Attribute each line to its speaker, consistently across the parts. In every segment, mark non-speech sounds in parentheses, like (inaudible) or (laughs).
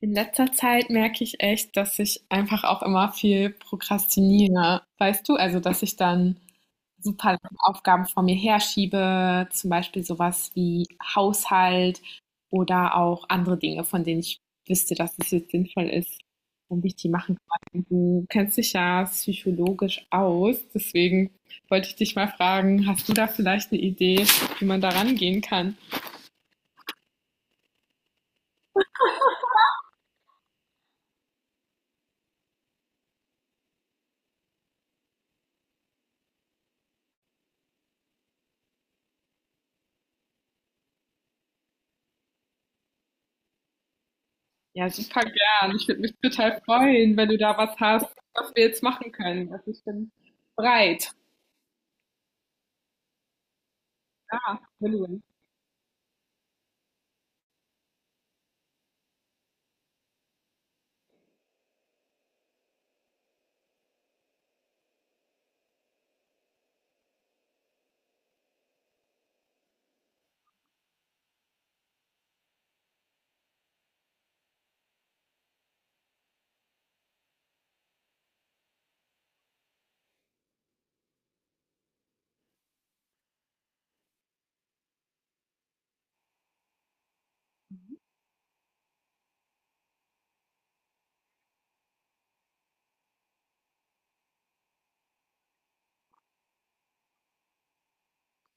Speaker 1: In letzter Zeit merke ich echt, dass ich einfach auch immer viel prokrastiniere. Weißt du, also dass ich dann super lange Aufgaben vor mir herschiebe, zum Beispiel sowas wie Haushalt oder auch andere Dinge, von denen ich wüsste, dass es jetzt sinnvoll ist, damit ich die machen kann. Du kennst dich ja psychologisch aus, deswegen wollte ich dich mal fragen, hast du da vielleicht eine Idee, wie man da rangehen kann? Ja, super gern. Ich würde mich total freuen, wenn du da was hast, was wir jetzt machen können. Also ich bin bereit. Ja, Willen.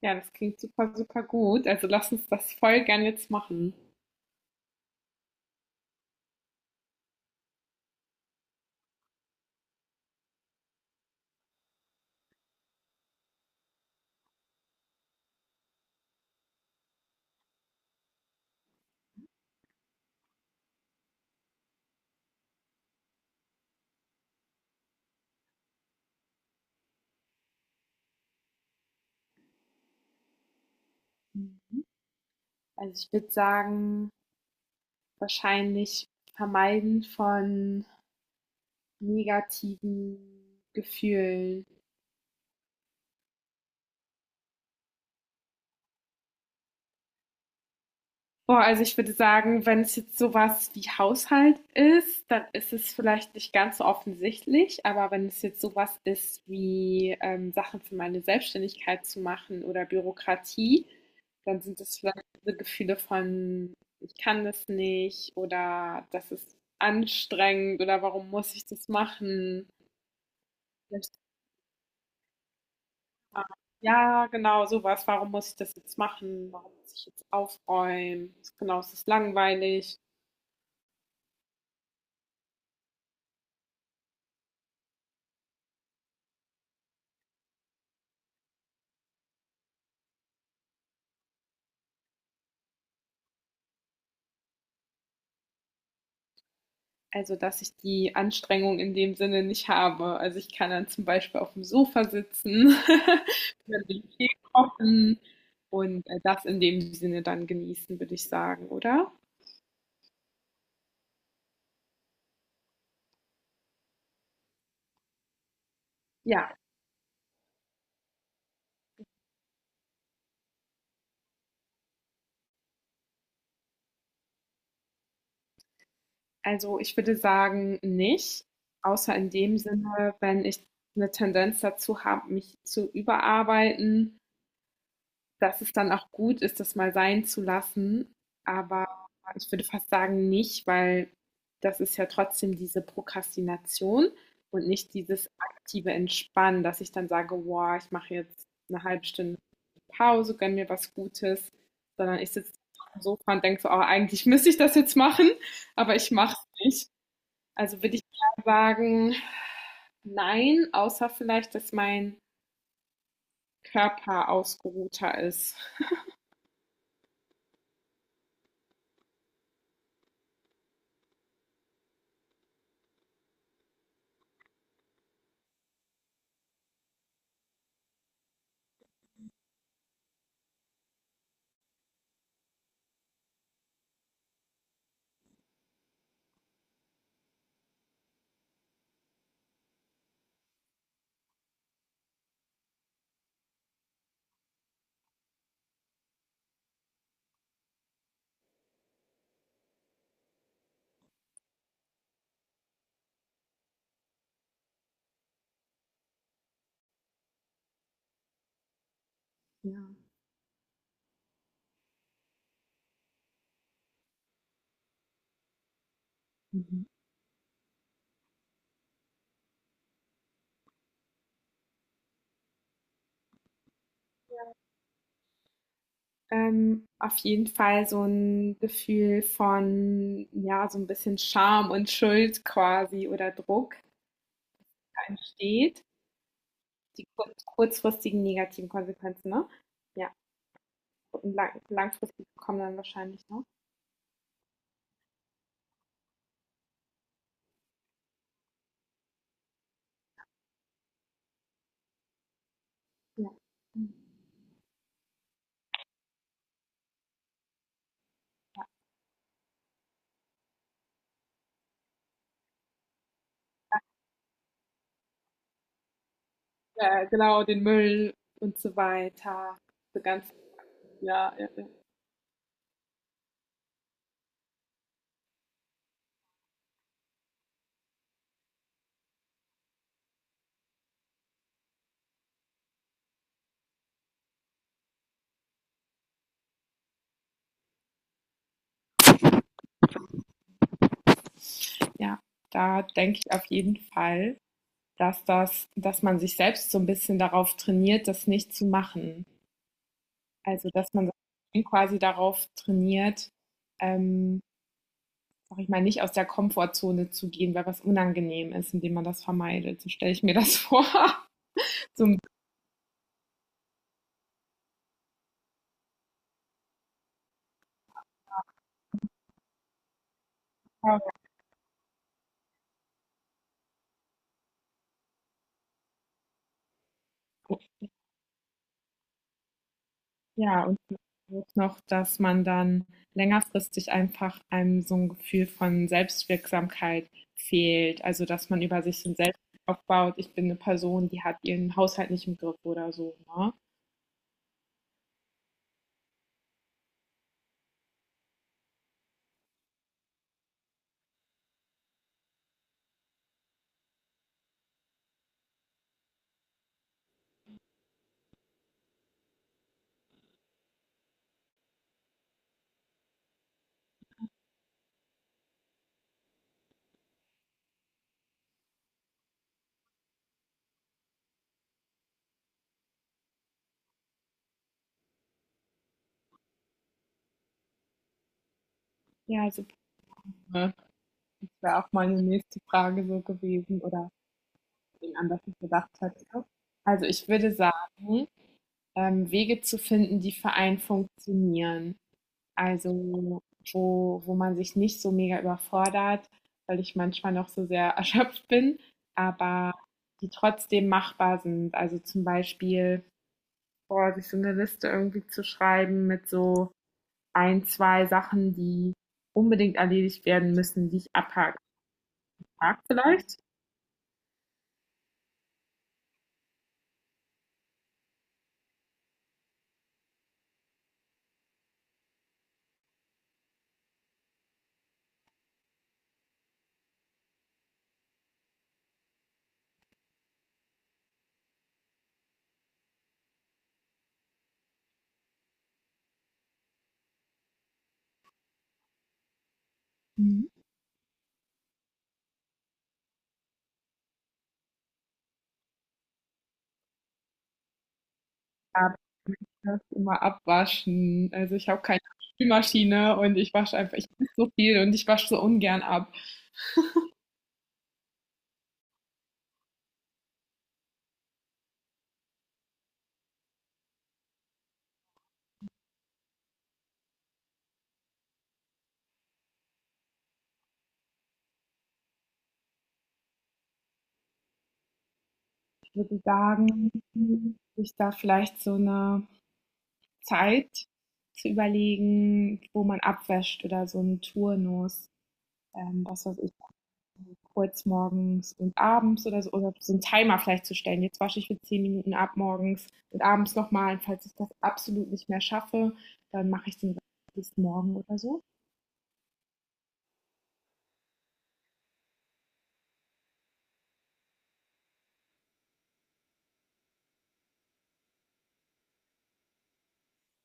Speaker 1: Ja, das klingt super, super gut. Also lass uns das voll gern jetzt machen. Also ich würde sagen, wahrscheinlich vermeiden von negativen Gefühlen. Boah, also ich würde sagen, wenn es jetzt sowas wie Haushalt ist, dann ist es vielleicht nicht ganz so offensichtlich, aber wenn es jetzt sowas ist wie Sachen für meine Selbstständigkeit zu machen oder Bürokratie, dann sind es vielleicht diese Gefühle von, ich kann das nicht oder das ist anstrengend oder warum muss ich das machen? Vielleicht, ah, ja, genau, sowas. Warum muss ich das jetzt machen? Warum muss ich jetzt aufräuen? Genau, es ist langweilig. Also, dass ich die Anstrengung in dem Sinne nicht habe. Also, ich kann dann zum Beispiel auf dem Sofa sitzen, (laughs) mir den Tee kochen und, das in dem Sinne dann genießen, würde ich sagen, oder? Ja, also ich würde sagen, nicht, außer in dem Sinne, wenn ich eine Tendenz dazu habe, mich zu überarbeiten, dass es dann auch gut ist, das mal sein zu lassen. Aber ich würde fast sagen, nicht, weil das ist ja trotzdem diese Prokrastination und nicht dieses aktive Entspannen, dass ich dann sage, wow, ich mache jetzt eine halbe Stunde Pause, gönne mir was Gutes, sondern ich sitze auf dem Sofa und denke so, oh, eigentlich müsste ich das jetzt machen, aber ich mache es nicht. Also würde ich eher sagen, nein, außer vielleicht, dass mein Körper ausgeruhter ist. Ja. Mhm. Auf jeden Fall so ein Gefühl von, ja, so ein bisschen Scham und Schuld quasi oder Druck, der entsteht. Die kurzfristigen negativen Konsequenzen, ne? Ja, und langfristig kommen dann wahrscheinlich, ne? Ja. Ja, genau, den Müll und so weiter. So ganz ja, ja, ja. Ja, da denke ich auf jeden Fall, dass man sich selbst so ein bisschen darauf trainiert, das nicht zu machen. Also, dass man quasi darauf trainiert, ähm, sag ich mal, nicht aus der Komfortzone zu gehen, weil was unangenehm ist, indem man das vermeidet. So stelle ich mir das vor. (laughs) So ein- ja, und auch noch, dass man dann längerfristig einfach einem so ein Gefühl von Selbstwirksamkeit fehlt. Also, dass man über sich so ein Selbst aufbaut. Ich bin eine Person, die hat ihren Haushalt nicht im Griff oder so. Ne? Ja, super. Das wäre auch meine nächste Frage so gewesen. Oder ihn an, was ich gedacht hatte. Also ich würde sagen, Wege zu finden, die für einen funktionieren. Also wo man sich nicht so mega überfordert, weil ich manchmal noch so sehr (laughs) erschöpft bin, aber die trotzdem machbar sind. Also zum Beispiel, boah, sich so eine Liste irgendwie zu schreiben mit so ein, zwei Sachen, die unbedingt erledigt werden müssen, die ich abhaken mag vielleicht. Mhm. Das immer abwaschen. Also, ich habe keine Spülmaschine und ich wasche einfach ich esse so viel und ich wasche so ungern ab. Ich würde sagen, sich da vielleicht so eine Zeit zu überlegen, wo man abwäscht oder so einen Turnus, was weiß ich, kurz morgens und abends oder so 'n Timer vielleicht zu stellen. Jetzt wasche ich für 10 Minuten ab morgens und abends nochmal. Und falls ich das absolut nicht mehr schaffe, dann mache ich den Rest bis morgen oder so.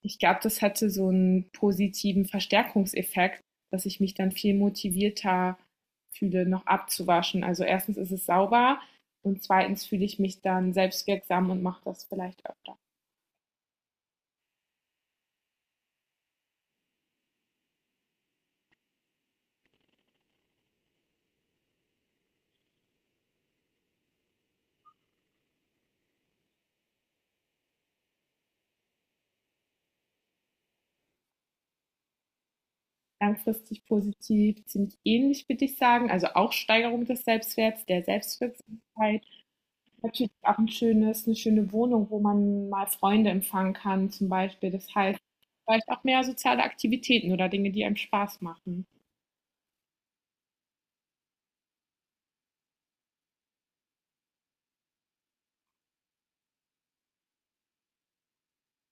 Speaker 1: Ich glaube, das hatte so einen positiven Verstärkungseffekt, dass ich mich dann viel motivierter fühle, noch abzuwaschen. Also erstens ist es sauber und zweitens fühle ich mich dann selbstwirksam und mache das vielleicht öfter. Langfristig positiv, ziemlich ähnlich würde ich sagen. Also auch Steigerung des Selbstwerts, der Selbstwirksamkeit. Natürlich auch ein schönes, eine schöne Wohnung, wo man mal Freunde empfangen kann, zum Beispiel. Das heißt, vielleicht auch mehr soziale Aktivitäten oder Dinge, die einem Spaß machen.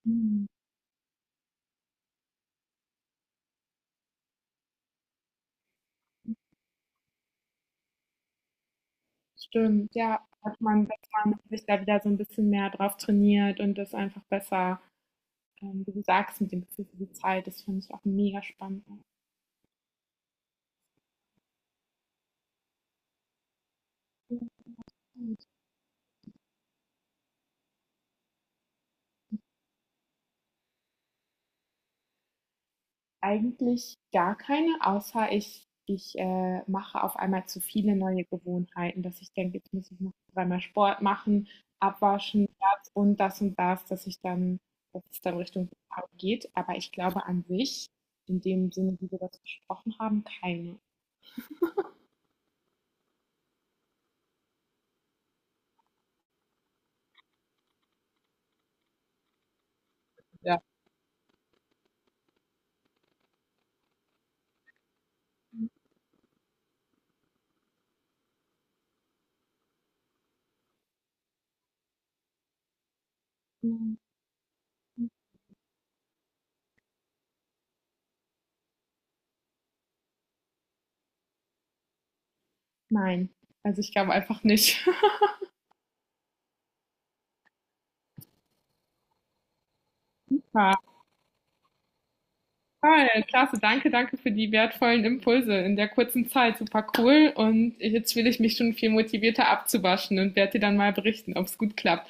Speaker 1: Mhm. Stimmt, ja, dass man sich da wieder so ein bisschen mehr drauf trainiert und das einfach besser, wie du sagst, mit dem Gefühl für die Zeit, das finde ich auch mega spannend. Eigentlich gar keine, außer ich mache auf einmal zu viele neue Gewohnheiten, dass ich denke, jetzt muss ich noch dreimal Sport machen, abwaschen, das und das und das, dass es dann Richtung Burnout geht. Aber ich glaube an sich, in dem Sinne, wie wir das besprochen haben, keine. Ja. Nein, also ich glaube einfach nicht. (laughs) Ja, toll, klasse, danke, danke für die wertvollen Impulse in der kurzen Zeit. Super cool. Und jetzt fühle ich mich schon viel motivierter abzuwaschen und werde dir dann mal berichten, ob es gut klappt.